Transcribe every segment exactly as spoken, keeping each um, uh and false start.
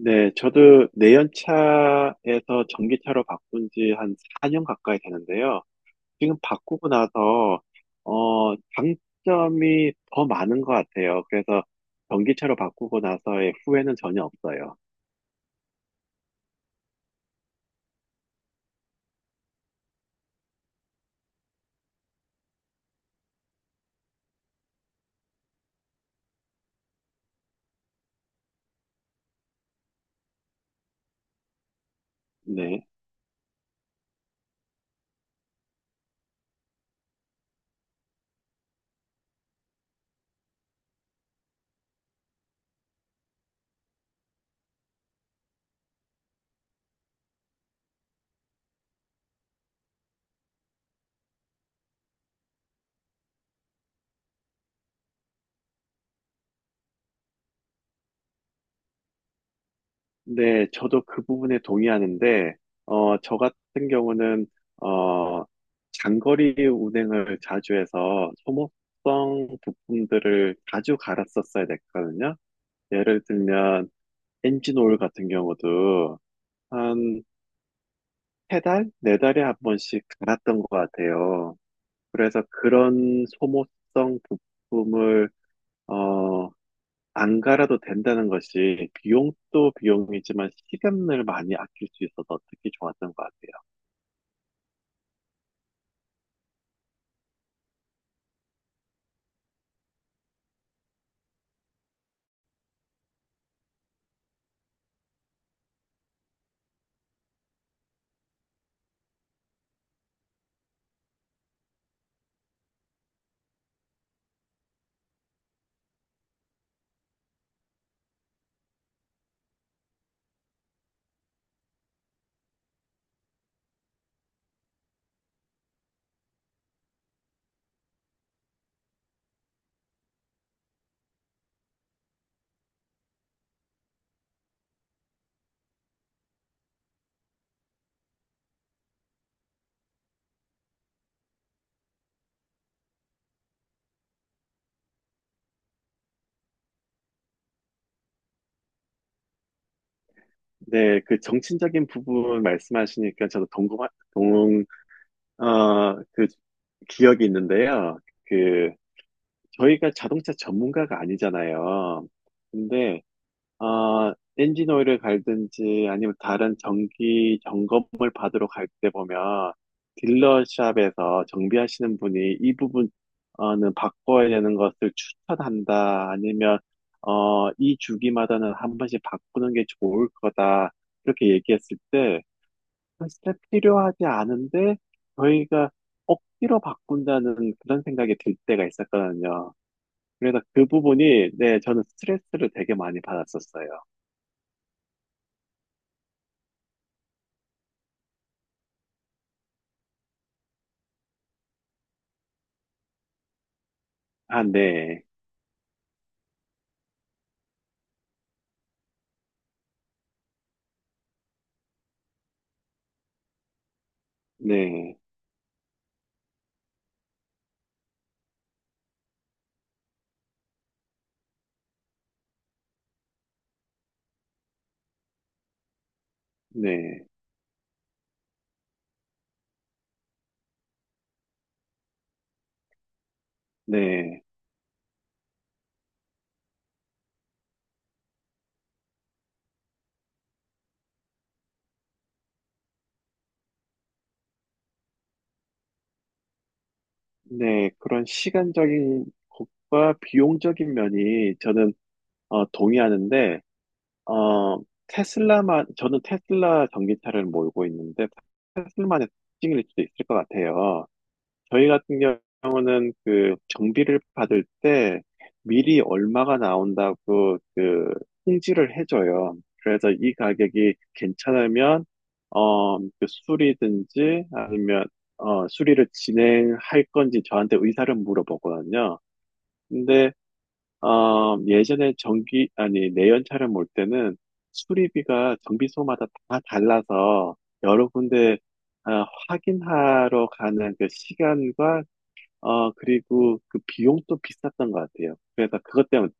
네, 저도 내연차에서 전기차로 바꾼 지 한 사 년 가까이 되는데요. 지금 바꾸고 나서, 어, 장점이 더 많은 것 같아요. 그래서 전기차로 바꾸고 나서의 후회는 전혀 없어요. 네. 네, 저도 그 부분에 동의하는데, 어, 저 같은 경우는, 어, 장거리 운행을 자주 해서 소모성 부품들을 자주 갈았었어야 됐거든요. 예를 들면, 엔진 오일 같은 경우도 한 세 달, 네 달에 한 번씩 갈았던 것 같아요. 그래서 그런 소모성 부품을 어, 안 갈아도 된다는 것이 비용도 비용이지만 시간을 많이 아낄 수 있어서 특히 좋았던 것 같아요. 네, 그 정치적인 부분 말씀하시니까 저도 동공, 동, 어, 그 기억이 있는데요. 그 저희가 자동차 전문가가 아니잖아요. 근데 어 엔진 오일을 갈든지 아니면 다른 정기 점검을 받으러 갈 때 보면 딜러샵에서 정비하시는 분이 이 부분은 바꿔야 되는 것을 추천한다. 아니면 어, 이 주기마다는 한 번씩 바꾸는 게 좋을 거다. 이렇게 얘기했을 때 사실 필요하지 않은데 저희가 억지로 바꾼다는 그런 생각이 들 때가 있었거든요. 그래서 그 부분이, 네, 저는 스트레스를 되게 많이 받았었어요. 아, 네, 네, 네, 네, 네. 그런 시간적인 것과 비용적인 면이 저는 어, 동의하는데, 어, 테슬라만, 저는 테슬라 전기차를 몰고 있는데, 테슬만의 특징일 수도 있을 것 같아요. 저희 같은 경우는 그 정비를 받을 때 미리 얼마가 나온다고 그 통지를 해줘요. 그래서 이 가격이 괜찮으면 어, 그 수리든지 아니면 어, 수리를 진행할 건지 저한테 의사를 물어보거든요. 근데 어, 예전에 전기 아니 내연차를 몰 때는 수리비가 정비소마다 다 달라서 여러 군데 어, 확인하러 가는 그 시간과 어 그리고 그 비용도 비쌌던 것 같아요. 그래서 그것 때문에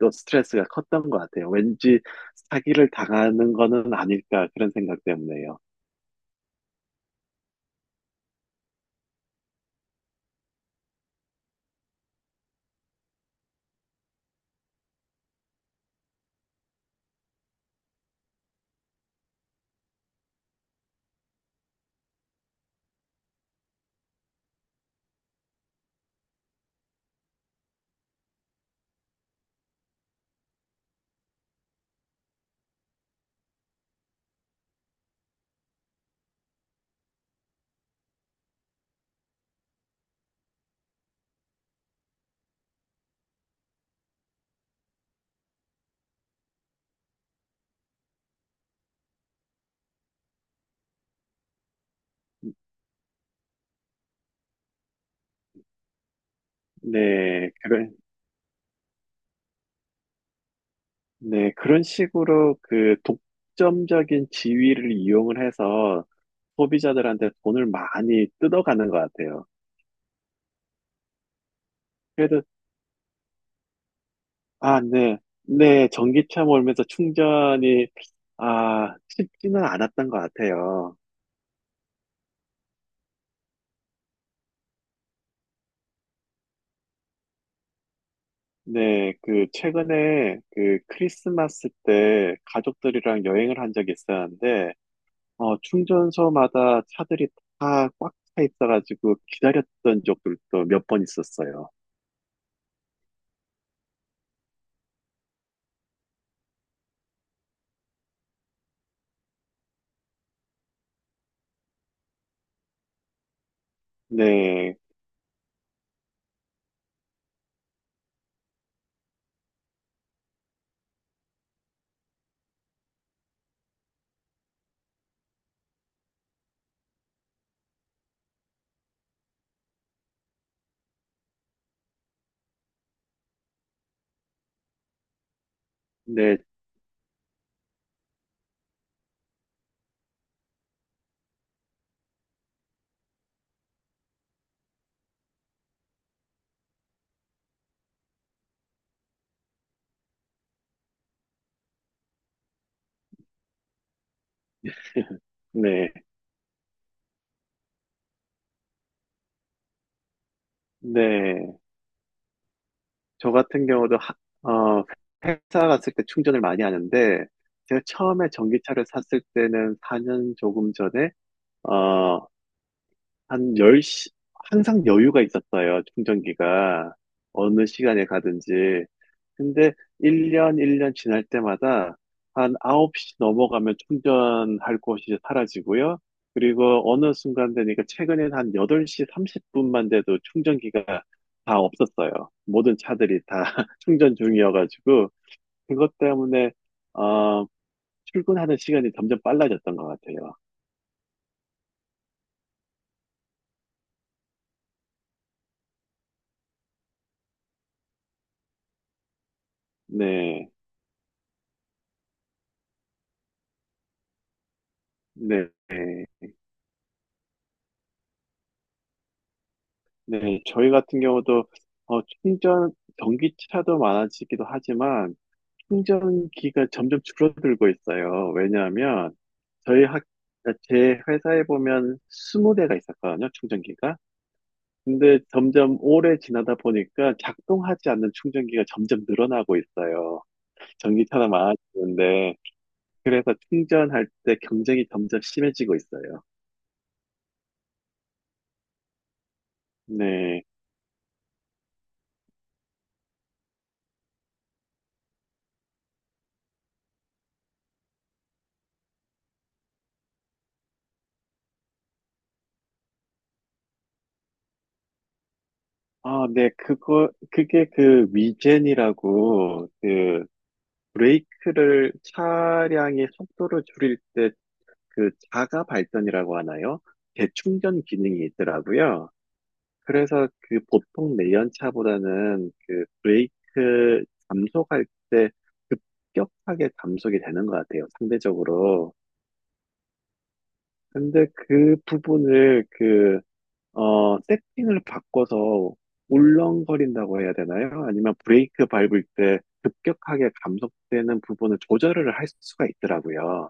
또 스트레스가 컸던 것 같아요. 왠지 사기를 당하는 거는 아닐까 그런 생각 때문에요. 네, 그런, 네, 그런 식으로 그 독점적인 지위를 이용을 해서 소비자들한테 돈을 많이 뜯어가는 것 같아요. 그래도. 아, 네, 네, 전기차 몰면서 충전이, 아, 쉽지는 않았던 것 같아요. 네, 그, 최근에 그 크리스마스 때 가족들이랑 여행을 한 적이 있었는데, 어, 충전소마다 차들이 다 꽉 차 있어가지고 기다렸던 적들도 몇 번 있었어요. 네, 네, 네, 네. 저 같은 경우도, 하- 어, 회사 갔을 때 충전을 많이 하는데, 제가 처음에 전기차를 샀을 때는 사 년 조금 전에, 어, 한 열 시 항상 여유가 있었어요, 충전기가. 어느 시간에 가든지. 근데 일 년, 일 년 지날 때마다 한 아홉 시 넘어가면 충전할 곳이 사라지고요. 그리고 어느 순간 되니까 최근엔 한 여덟 시 삼십 분만 돼도 충전기가 다 없었어요. 모든 차들이 다 충전 중이어가지고, 그것 때문에, 어, 출근하는 시간이 점점 빨라졌던 것 같아요. 네, 네. 네. 네, 저희 같은 경우도 어, 충전 전기차도 많아지기도 하지만 충전기가 점점 줄어들고 있어요. 왜냐하면 저희 학, 제 회사에 보면 스무 대가 있었거든요, 충전기가. 근데 점점 오래 지나다 보니까 작동하지 않는 충전기가 점점 늘어나고 있어요. 전기차나 많아지는데 그래서 충전할 때 경쟁이 점점 심해지고 있어요. 네. 아, 네, 그거, 그게 그 위젠이라고, 그, 브레이크를 차량의 속도를 줄일 때 그 자가 발전이라고 하나요? 재충전 기능이 있더라고요. 그래서 그 보통 내연차보다는 그 브레이크 감속할 때 급격하게 감속이 되는 것 같아요. 상대적으로. 근데 그 부분을 그, 어, 세팅을 바꿔서 울렁거린다고 해야 되나요? 아니면 브레이크 밟을 때 급격하게 감속되는 부분을 조절을 할 수가 있더라고요.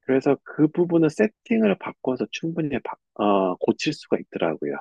그래서 그 부분은 세팅을 바꿔서 충분히 바- 어, 고칠 수가 있더라고요.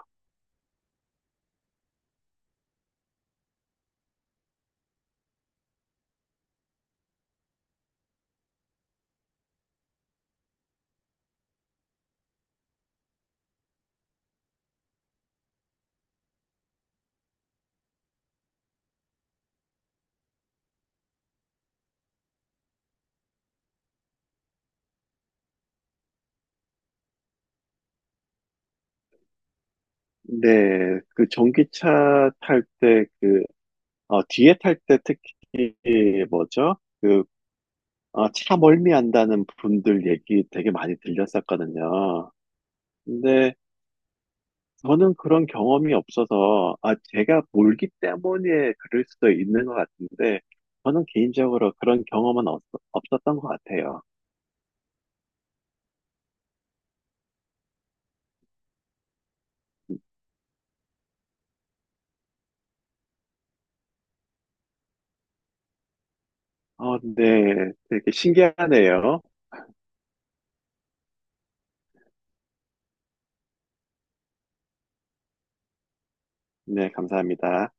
근데 그 전기차 탈 때 그, 어, 뒤에 탈 때 특히 뭐죠? 그, 어, 차 멀미한다는 분들 얘기 되게 많이 들렸었거든요. 근데 저는 그런 경험이 없어서, 아, 제가 몰기 때문에 그럴 수도 있는 것 같은데, 저는 개인적으로 그런 경험은 없, 없었던 것 같아요. 어, 네, 되게 신기하네요. 네, 감사합니다.